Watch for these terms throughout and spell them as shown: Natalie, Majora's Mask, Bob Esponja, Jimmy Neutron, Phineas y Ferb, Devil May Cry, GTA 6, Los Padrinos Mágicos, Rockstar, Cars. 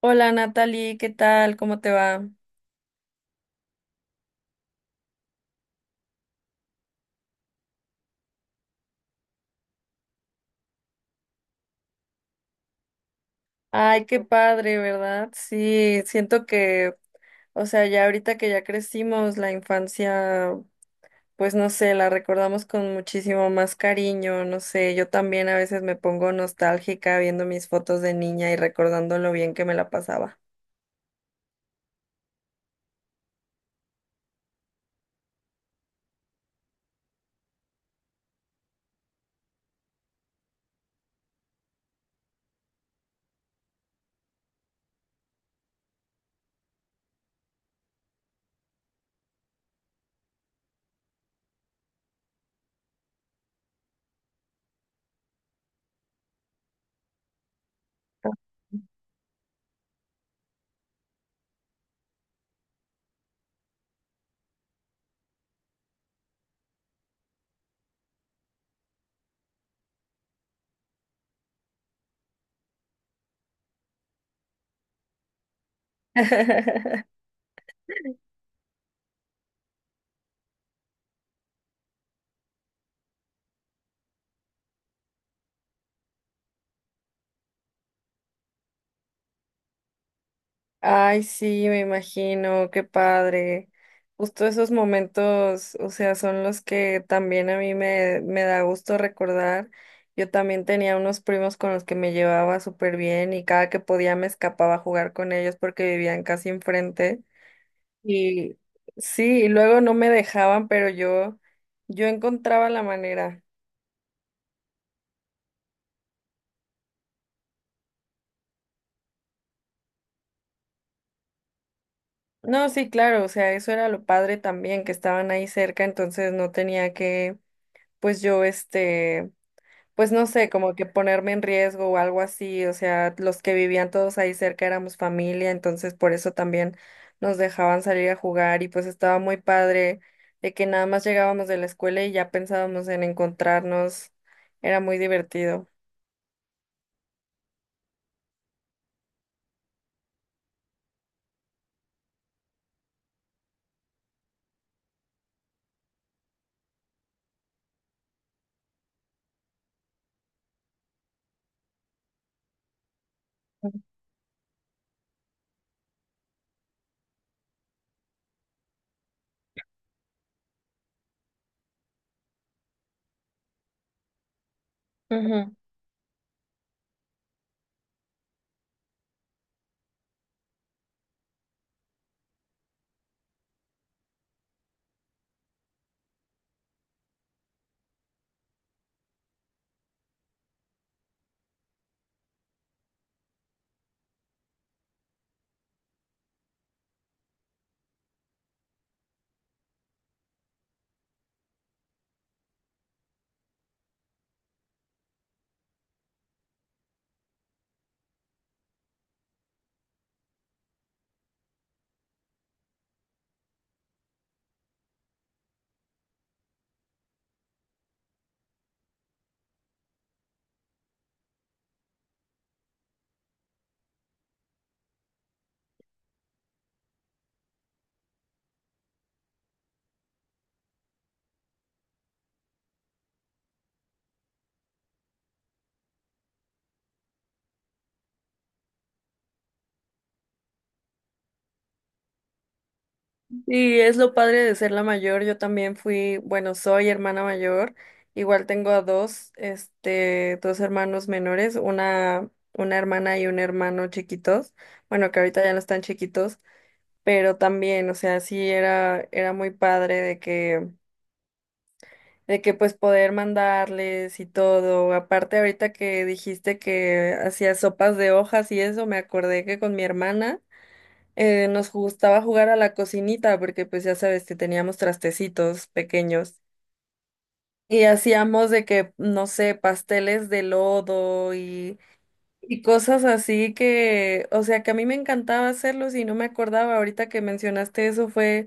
Hola Natalie, ¿qué tal? ¿Cómo te va? Ay, qué padre, ¿verdad? Sí, siento que, o sea, ya ahorita que ya crecimos, la infancia, pues no sé, la recordamos con muchísimo más cariño, no sé, yo también a veces me pongo nostálgica viendo mis fotos de niña y recordando lo bien que me la pasaba. Ay, sí, me imagino, qué padre. Justo esos momentos, o sea, son los que también a mí me da gusto recordar. Yo también tenía unos primos con los que me llevaba súper bien y cada que podía me escapaba a jugar con ellos porque vivían casi enfrente. Y sí, y luego no me dejaban, pero yo encontraba la manera. No, sí, claro, o sea, eso era lo padre también, que estaban ahí cerca, entonces no tenía que, pues yo, este, pues no sé, como que ponerme en riesgo o algo así, o sea, los que vivían todos ahí cerca éramos familia, entonces por eso también nos dejaban salir a jugar y pues estaba muy padre de que nada más llegábamos de la escuela y ya pensábamos en encontrarnos, era muy divertido. Ujú. Y es lo padre de ser la mayor, yo también fui, bueno, soy hermana mayor, igual tengo a dos, este, dos hermanos menores, una hermana y un hermano chiquitos, bueno, que ahorita ya no están chiquitos, pero también, o sea, sí era muy padre de que pues poder mandarles y todo. Aparte, ahorita que dijiste que hacías sopas de hojas y eso, me acordé que con mi hermana nos gustaba jugar a la cocinita, porque pues ya sabes que teníamos trastecitos pequeños. Y hacíamos de que, no sé, pasteles de lodo. Y cosas así que, o sea, que a mí me encantaba hacerlos y no me acordaba. Ahorita que mencionaste eso fue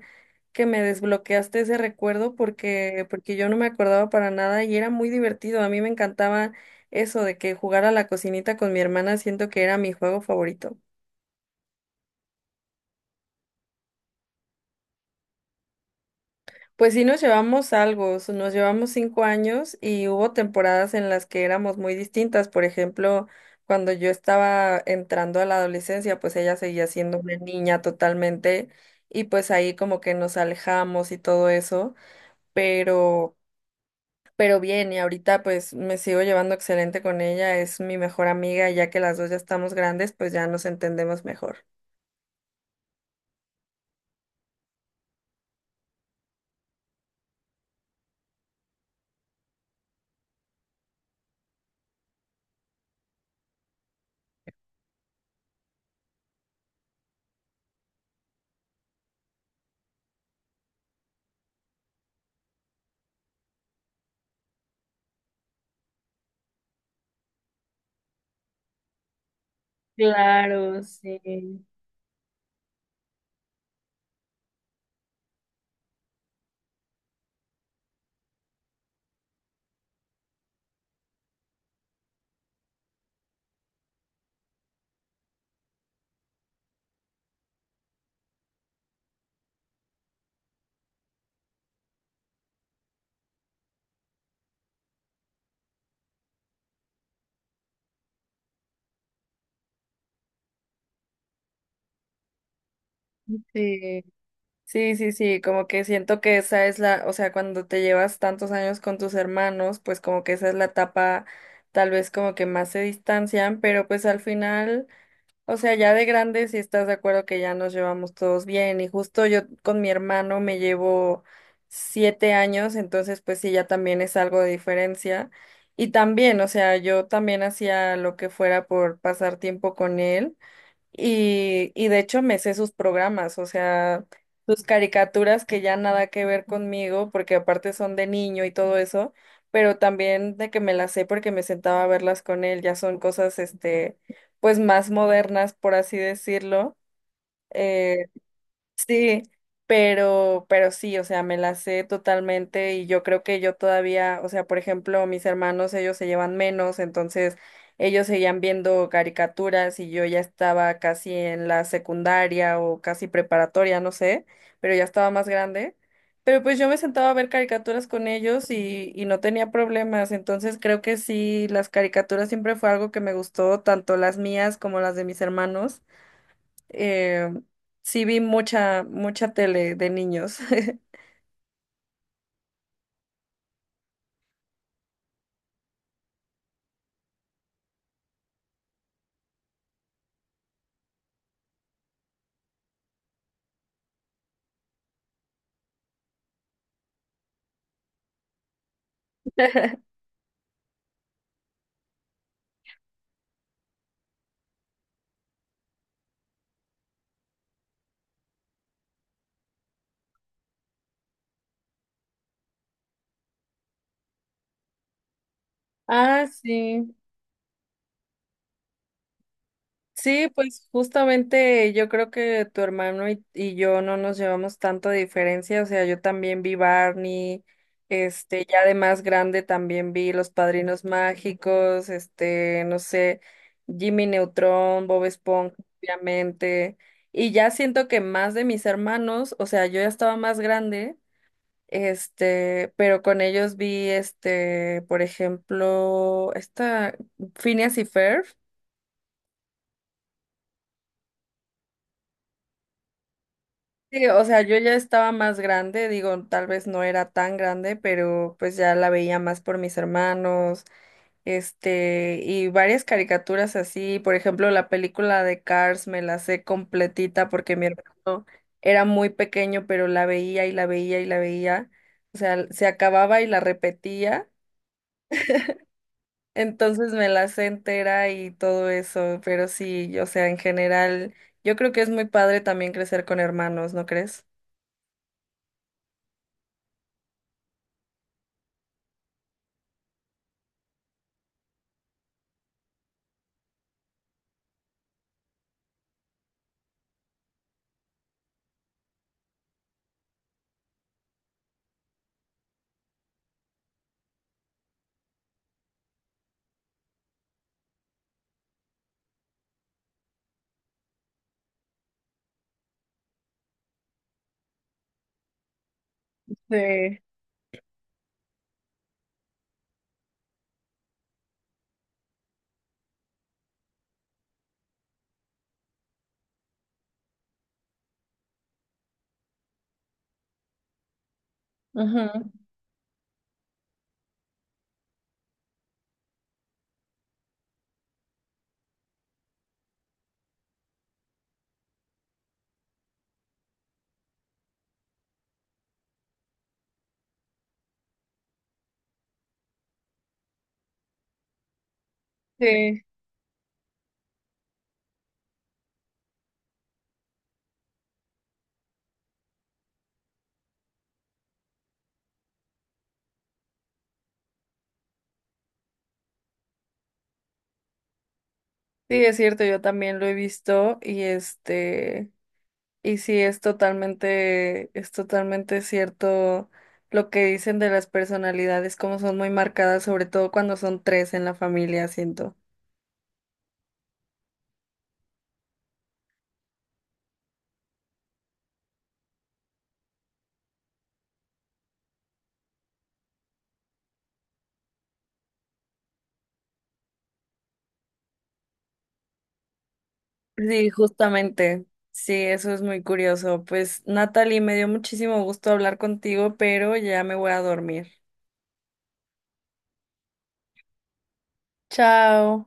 que me desbloqueaste ese recuerdo porque yo no me acordaba para nada y era muy divertido. A mí me encantaba eso de que jugar a la cocinita con mi hermana, siento que era mi juego favorito. Pues sí nos llevamos algo, nos llevamos 5 años y hubo temporadas en las que éramos muy distintas. Por ejemplo, cuando yo estaba entrando a la adolescencia, pues ella seguía siendo una niña totalmente y pues ahí como que nos alejamos y todo eso, pero, pero bien, y ahorita pues me sigo llevando excelente con ella, es mi mejor amiga y ya que las dos ya estamos grandes, pues ya nos entendemos mejor. Claro, sí. Sí. Sí, sí, sí, como que siento que esa es la, o sea, cuando te llevas tantos años con tus hermanos, pues como que esa es la etapa, tal vez como que más se distancian, pero pues al final, o sea, ya de grandes sí estás de acuerdo que ya nos llevamos todos bien y justo yo con mi hermano me llevo 7 años, entonces pues sí, ya también es algo de diferencia. Y también, o sea, yo también hacía lo que fuera por pasar tiempo con él. Y de hecho me sé sus programas, o sea, sus caricaturas que ya nada que ver conmigo, porque aparte son de niño y todo eso, pero también de que me las sé porque me sentaba a verlas con él, ya son cosas, este, pues más modernas, por así decirlo. eh, Sí, pero sí, o sea, me la sé totalmente y yo creo que yo todavía, o sea, por ejemplo, mis hermanos, ellos se llevan menos, entonces ellos seguían viendo caricaturas y yo ya estaba casi en la secundaria o casi preparatoria, no sé, pero ya estaba más grande. Pero pues yo me sentaba a ver caricaturas con ellos y no tenía problemas, entonces creo que sí, las caricaturas siempre fue algo que me gustó, tanto las mías como las de mis hermanos. Eh, sí vi mucha, mucha tele de niños. Ah, sí. Sí, pues justamente yo creo que tu hermano y yo no nos llevamos tanto de diferencia. O sea, yo también vi Barney, este, ya de más grande también vi Los Padrinos Mágicos, este, no sé, Jimmy Neutron, Bob Esponja, obviamente. Y ya siento que más de mis hermanos, o sea, yo ya estaba más grande. Este, pero con ellos vi, este, por ejemplo, esta Phineas y Ferb. Sí, o sea, yo ya estaba más grande, digo, tal vez no era tan grande, pero pues ya la veía más por mis hermanos, este, y varias caricaturas así, por ejemplo, la película de Cars me la sé completita porque mi hermano era muy pequeño, pero la veía y la veía y la veía, o sea, se acababa y la repetía. Entonces me la sé entera y todo eso, pero sí, o sea, en general, yo creo que es muy padre también crecer con hermanos, ¿no crees? Sí, ujú. Sí, sí, es cierto, yo también lo he visto y este, y sí, es totalmente cierto lo que dicen de las personalidades, como son muy marcadas, sobre todo cuando son tres en la familia, siento. Sí, justamente. Sí, eso es muy curioso. Pues, Natalie, me dio muchísimo gusto hablar contigo, pero ya me voy a dormir. Chao.